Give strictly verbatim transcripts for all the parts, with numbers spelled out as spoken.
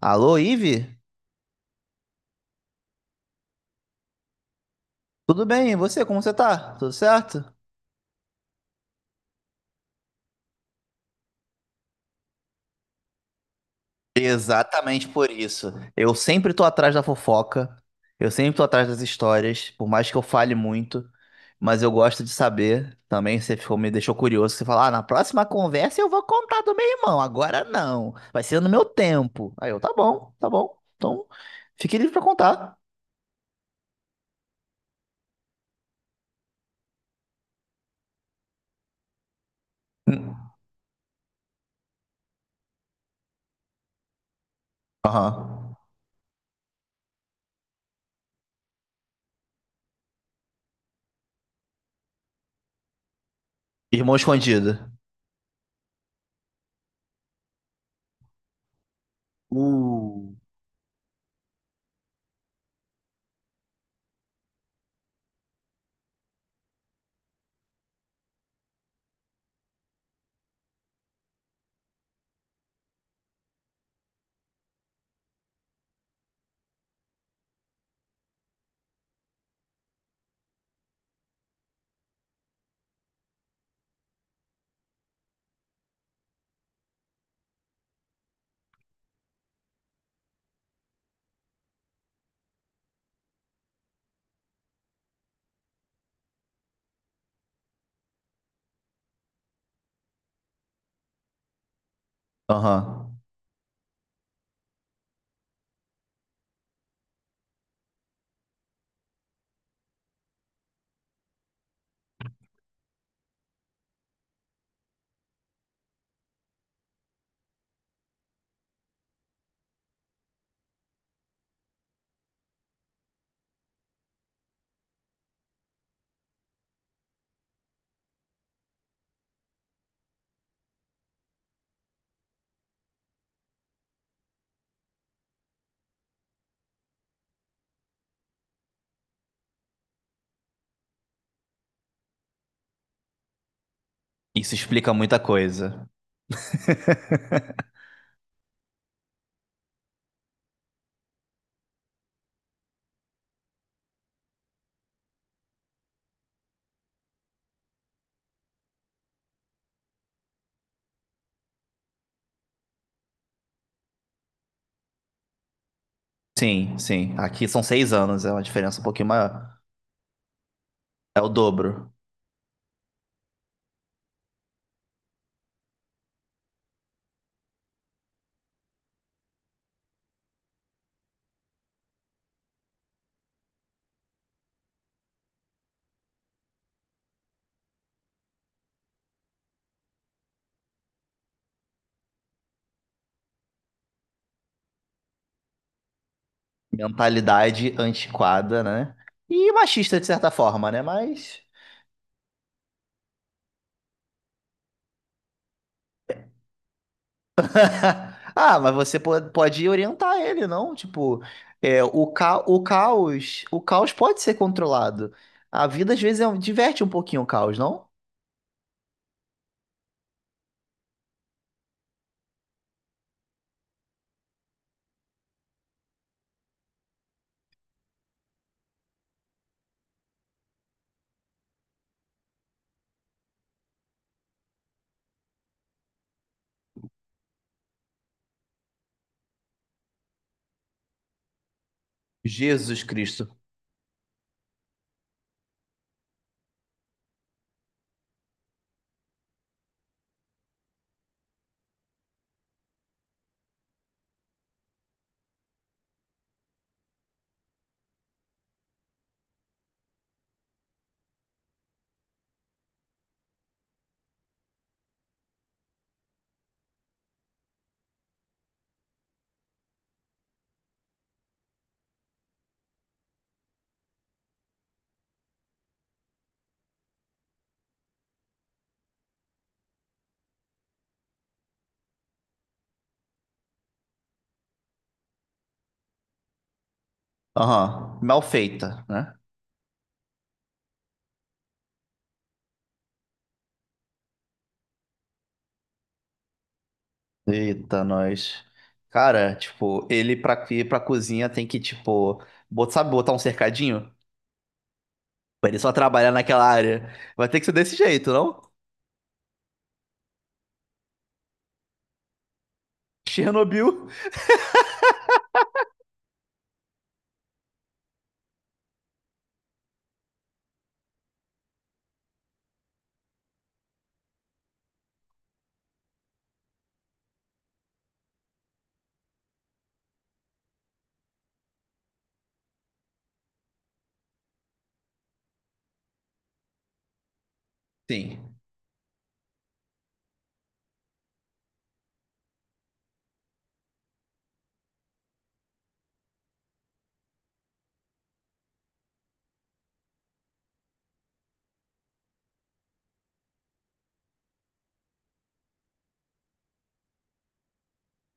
Alô, Ive? Tudo bem? E você? Como você tá? Tudo certo? Exatamente por isso. Eu sempre tô atrás da fofoca, eu sempre tô atrás das histórias, por mais que eu fale muito, mas eu gosto de saber. Também você ficou, me deixou curioso, você fala, ah, na próxima conversa eu vou contar do meu irmão, agora não, vai ser no meu tempo. Aí eu, tá bom, tá bom, então fique livre pra contar. Hum. Aham. Irmão escondido. Uh. Aham. Isso explica muita coisa. Sim, sim. Aqui são seis anos, é uma diferença um pouquinho maior. É o dobro. Mentalidade antiquada, né? E machista, de certa forma, né? Mas. Ah, mas você po- pode orientar ele, não? Tipo, é, o, ca... o caos, o caos pode ser controlado. A vida às vezes é um- diverte um pouquinho o caos, não? Jesus Cristo. Aham, mal feita, né? Eita, nós. Cara, tipo, ele pra ir pra cozinha tem que, tipo, bot- sabe botar um cercadinho? Pra ele só trabalhar naquela área. Vai ter que ser desse jeito, não? Chernobyl. Sim.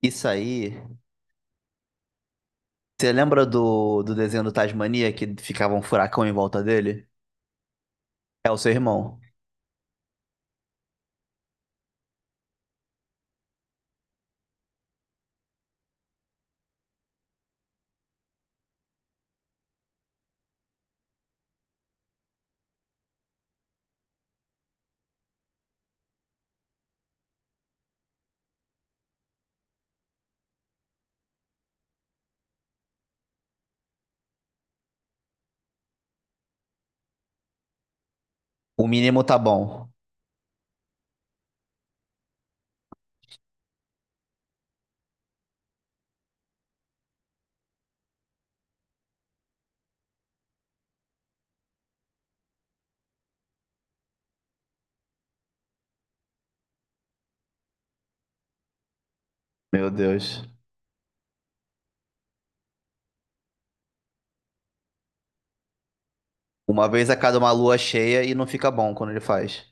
Isso aí. Você lembra do, do desenho do Tasmania que ficava um furacão em volta dele? É o seu irmão. O mínimo tá bom. Meu Deus. Uma vez a cada uma lua cheia e não fica bom quando ele faz.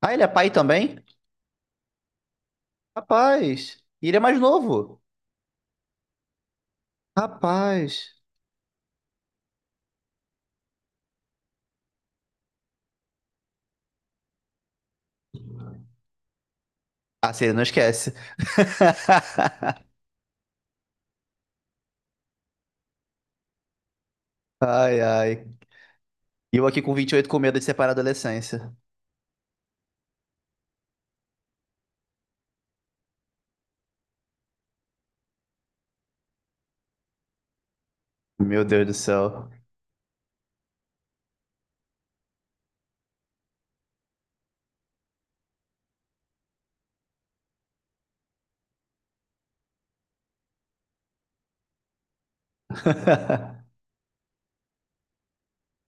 Ah, ele é pai também? Rapaz. E ele é mais novo. Rapaz. Ah, se ele não esquece. Ai, ai. E eu aqui com vinte e oito com medo de separar a adolescência. Meu Deus do céu.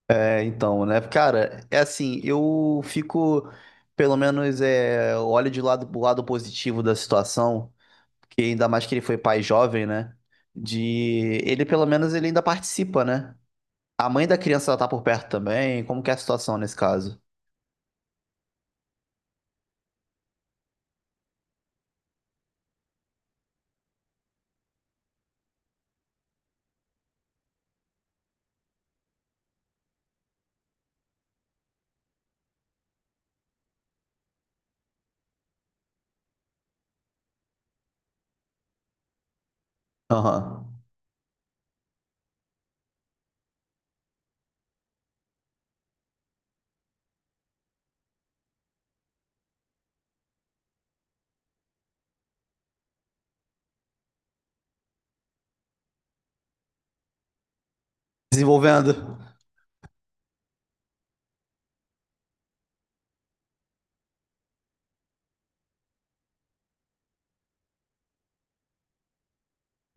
É, então, né? Cara, é assim, eu fico, pelo menos, é, olho de lado, o lado positivo da situação, que ainda mais que ele foi pai jovem, né? De ele, pelo menos, ele ainda participa, né? A mãe da criança ela tá por perto também. Como que é a situação nesse caso? Aham. Desenvolvendo.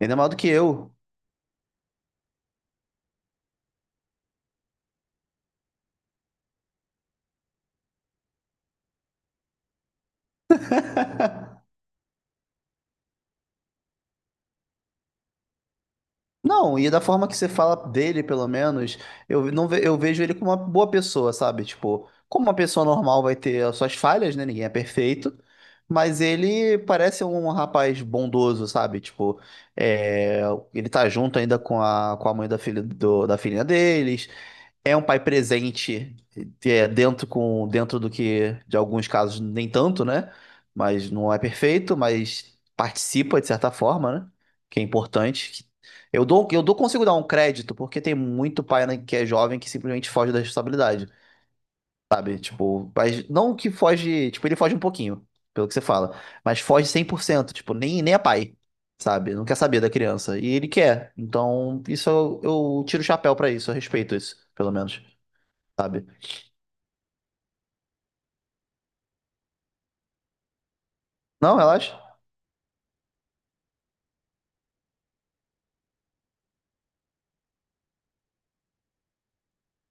Ainda mais do que eu. Não, e da forma que você fala dele, pelo menos, eu não ve- eu vejo ele como uma boa pessoa, sabe? Tipo, como uma pessoa normal vai ter as suas falhas, né? Ninguém é perfeito, mas ele parece um rapaz bondoso, sabe? Tipo, é, ele tá junto ainda com a, com a mãe da filha do- da filhinha deles, é um pai presente, é, dentro com dentro do que, de alguns casos, nem tanto, né? Mas não é perfeito, mas participa de certa forma, né? Que é importante. Que- Eu dou, eu dou, consigo dar um crédito, porque tem muito pai, né, que é jovem que simplesmente foge da responsabilidade, sabe? Tipo, mas não que foge, tipo, ele foge um pouquinho, pelo que você fala, mas foge cem por cento, tipo, nem, nem é pai, sabe? Não quer saber da criança, e ele quer. Então, isso eu, eu tiro o chapéu pra isso, eu respeito isso, pelo menos sabe? Não, relaxa.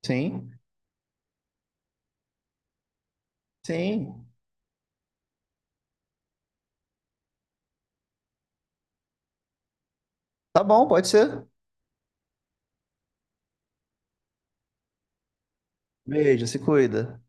Sim, sim. Tá bom, pode ser. Beijo, se cuida.